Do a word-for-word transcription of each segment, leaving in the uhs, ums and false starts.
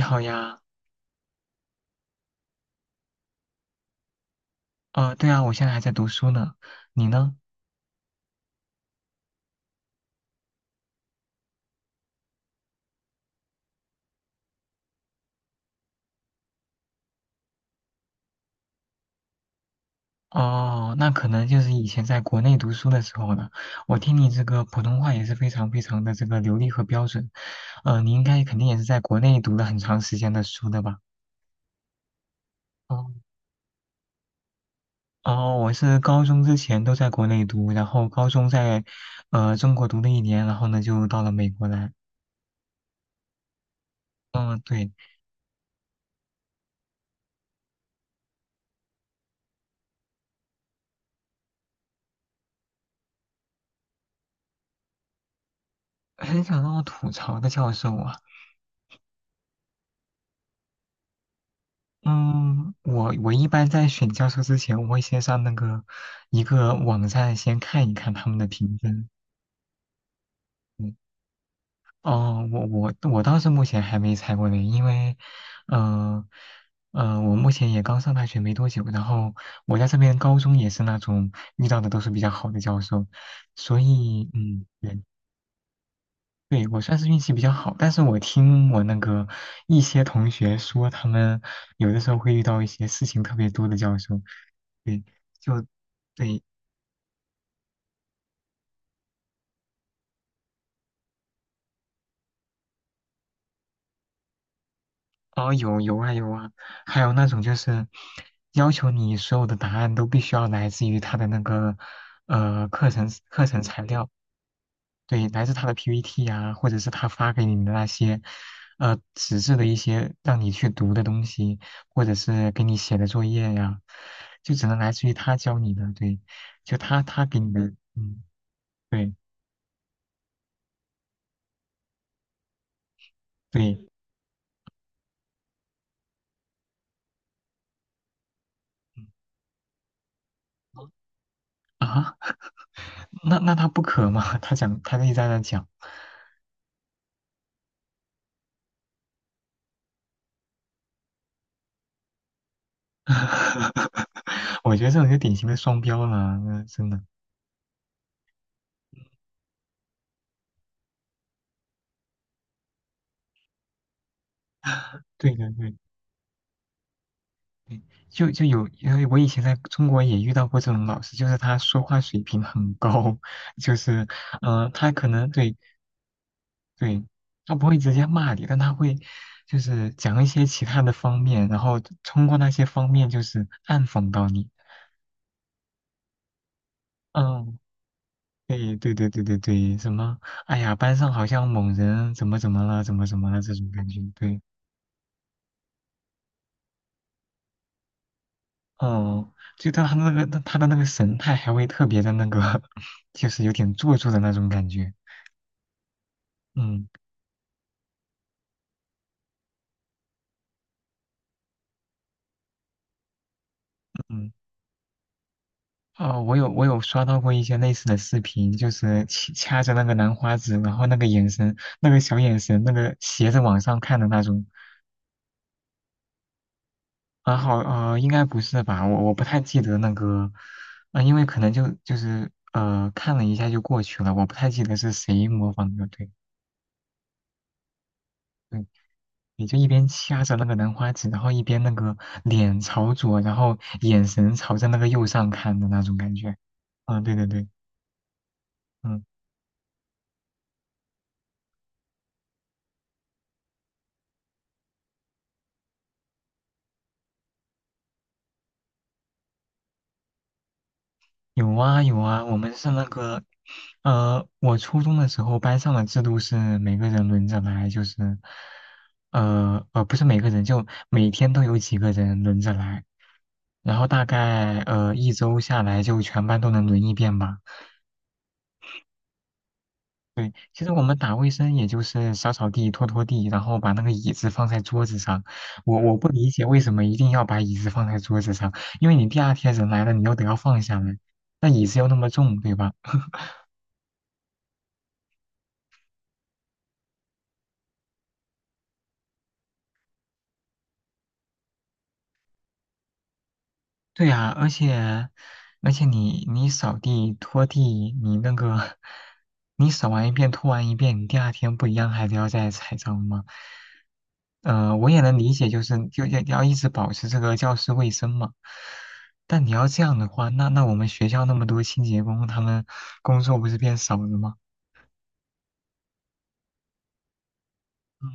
你好呀。呃，对啊，我现在还在读书呢，你呢？哦，那可能就是以前在国内读书的时候了。我听你这个普通话也是非常非常的这个流利和标准，呃，你应该肯定也是在国内读了很长时间的书的吧？哦，哦，我是高中之前都在国内读，然后高中在呃中国读了一年，然后呢就到了美国来。嗯，对，很想让我吐槽的教授啊。嗯，我我一般在选教授之前，我会先上那个一个网站先看一看他们的评分。嗯，哦，我我我倒是目前还没裁过呢，因为，呃呃，我目前也刚上大学没多久，然后我在这边高中也是那种遇到的都是比较好的教授，所以嗯，对，对我算是运气比较好，但是我听我那个一些同学说，他们有的时候会遇到一些事情特别多的教授。对，就对，哦，有有啊有啊，还有那种就是要求你所有的答案都必须要来自于他的那个呃课程课程材料，对，来自他的 P P T 呀、或者是他发给你的那些呃纸质的一些让你去读的东西，或者是给你写的作业呀、就只能来自于他教你的，对，就他他给你的，嗯，对对啊，那那他不可吗？他讲他一直在那讲。我觉得这种就典型的双标了，那真的。对对对，就就有，因为我以前在中国也遇到过这种老师，就是他说话水平很高，就是嗯，他可能对对，他不会直接骂你，但他会就是讲一些其他的方面，然后通过那些方面就是暗讽到你。嗯，对对对对对对，什么？哎呀，班上好像某人怎么怎么了，怎么怎么了这种感觉，对。哦，就他他那个他的那个神态还会特别的那个，就是有点做作的那种感觉。嗯嗯，哦，我有我有刷到过一些类似的视频，就是掐掐着那个兰花指，然后那个眼神，那个小眼神，那个斜着往上看的那种。然后呃，应该不是吧？我我不太记得那个，呃，因为可能就就是呃看了一下就过去了，我不太记得是谁模仿的。对，对也就一边掐着那个兰花指，然后一边那个脸朝左，然后眼神朝着那个右上看的那种感觉。嗯，对对对，嗯，有啊有啊，我们是那个，呃，我初中的时候班上的制度是每个人轮着来，就是，呃呃，不是每个人，就每天都有几个人轮着来，然后大概呃一周下来就全班都能轮一遍吧。对，其实我们打卫生也就是扫扫地、拖拖地，然后把那个椅子放在桌子上。我我不理解为什么一定要把椅子放在桌子上，因为你第二天人来了，你又得要放下来，那椅子又那么重，对吧？对呀，而且而且你你扫地拖地，你那个你扫完一遍拖完一遍，你第二天不一样还是要再踩脏吗？呃，我也能理解，就是就要要一直保持这个教室卫生嘛。但你要这样的话，那那我们学校那么多清洁工，他们工作不是变少了吗？嗯，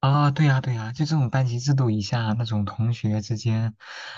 啊，对呀，对呀，就这种班级制度以下，那种同学之间，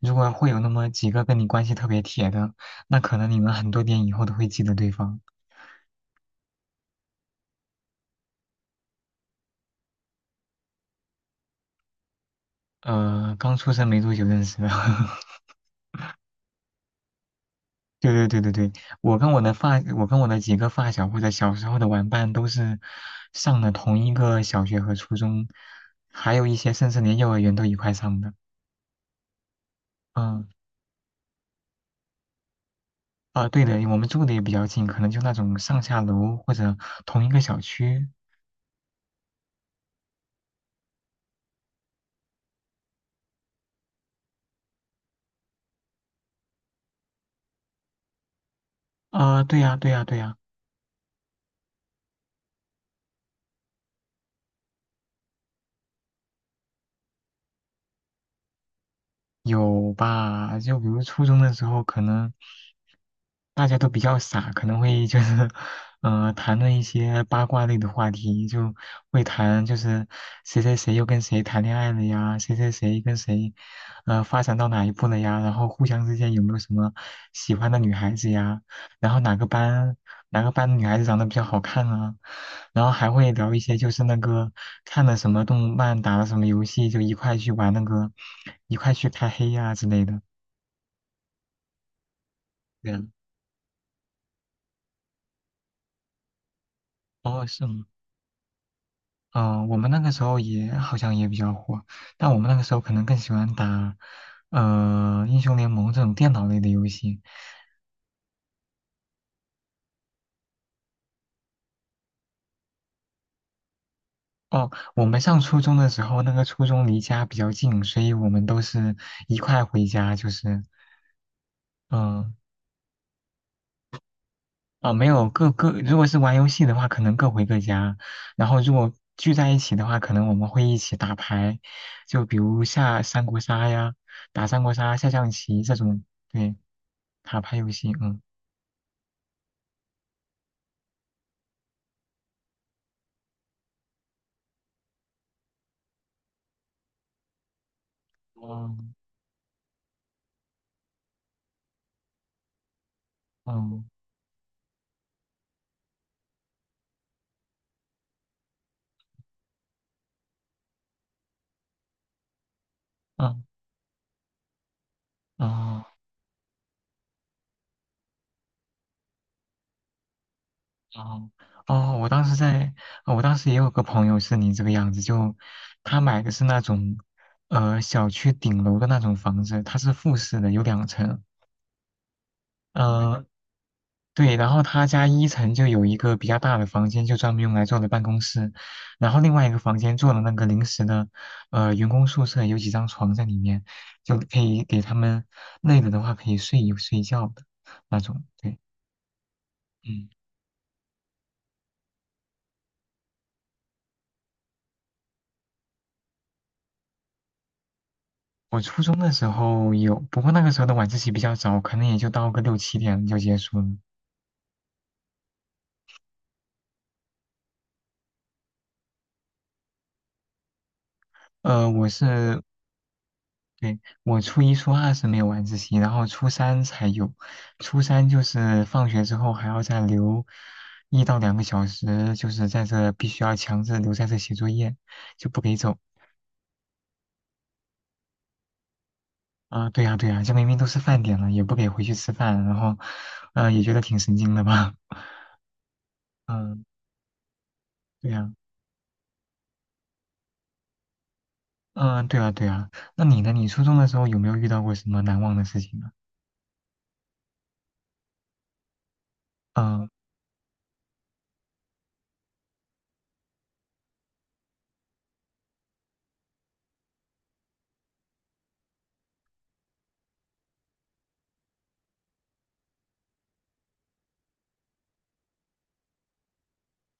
如果会有那么几个跟你关系特别铁的，那可能你们很多年以后都会记得对方。呃，刚出生没多久认识的，对对对对对，我跟我的发，我跟我的几个发小或者小时候的玩伴都是上了同一个小学和初中，还有一些甚至连幼儿园都一块上的。嗯，啊，对的，我们住的也比较近，可能就那种上下楼或者同一个小区。啊，对呀，对呀，对呀。有吧？就比如初中的时候，可能大家都比较傻，可能会就是，嗯，谈论一些八卦类的话题，就会谈就是谁谁谁又跟谁谈恋爱了呀，谁谁谁跟谁，呃，发展到哪一步了呀，然后互相之间有没有什么喜欢的女孩子呀，然后哪个班哪个班的女孩子长得比较好看啊，然后还会聊一些就是那个看了什么动漫，打了什么游戏，就一块去玩那个，一块去开黑呀、之类的。对，哦，是吗？嗯、我们那个时候也好像也比较火，但我们那个时候可能更喜欢打，呃，英雄联盟这种电脑类的游戏。哦，我们上初中的时候，那个初中离家比较近，所以我们都是一块回家，就是。嗯，啊、没有各各，如果是玩游戏的话，可能各回各家；然后如果聚在一起的话，可能我们会一起打牌，就比如下三国杀呀，打三国杀、下象棋这种，对，卡牌游戏，嗯，哦，嗯，嗯，哦，哦，哦，我当时在，哦我当时也有个朋友是你这个样子，就他买的是那种，呃，小区顶楼的那种房子，它是复式的，有两层，呃，对，然后他家一层就有一个比较大的房间，就专门用来做的办公室，然后另外一个房间做了那个临时的，呃，员工宿舍，有几张床在里面，就可以给他们累了的话可以睡一睡觉的那种。对，嗯，我初中的时候有，不过那个时候的晚自习比较早，可能也就到个六七点就结束了。呃，我是对，我初一、初二是没有晚自习，然后初三才有。初三就是放学之后还要再留一到两个小时，就是在这必须要强制留在这写作业，就不给走。啊、对呀、对呀、这明明都是饭点了，也不给回去吃饭，然后，呃，也觉得挺神经的吧？嗯、对呀、嗯、对啊，对啊。那你呢？你初中的时候有没有遇到过什么难忘的事情呢？嗯、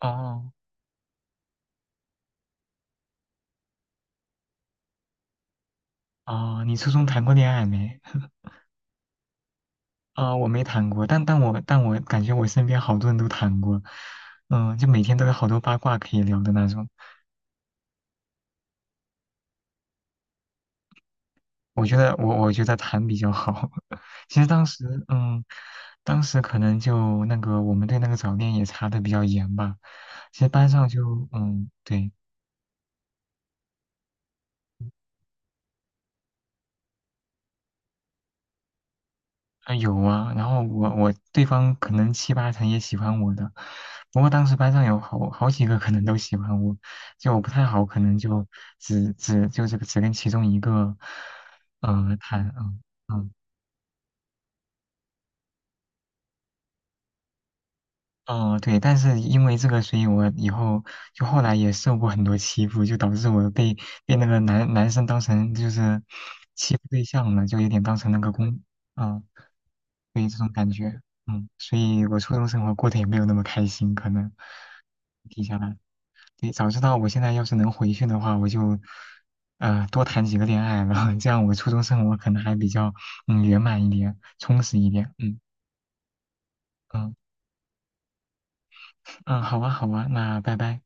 哦哦，你初中谈过恋爱没？啊、我没谈过，但但我但我感觉我身边好多人都谈过，嗯、就每天都有好多八卦可以聊的那种。我觉得我我觉得谈比较好。其实当时，嗯，当时可能就那个我们对那个早恋也查的比较严吧。其实班上就，嗯，对，啊有啊，然后我我对方可能七八成也喜欢我的，不过当时班上有好好几个可能都喜欢我，就我不太好，可能就只只就这个只跟其中一个，呃，谈，嗯嗯哦，对，但是因为这个，所以我以后就后来也受过很多欺负，就导致我被被那个男男生当成就是欺负对象了，就有点当成那个公，嗯。对，这种感觉，嗯，所以我初中生活过得也没有那么开心，可能提下来，对，早知道我现在要是能回去的话，我就呃多谈几个恋爱然后 这样我初中生活可能还比较嗯圆满一点，充实一点，嗯嗯嗯，好啊好啊，那拜拜。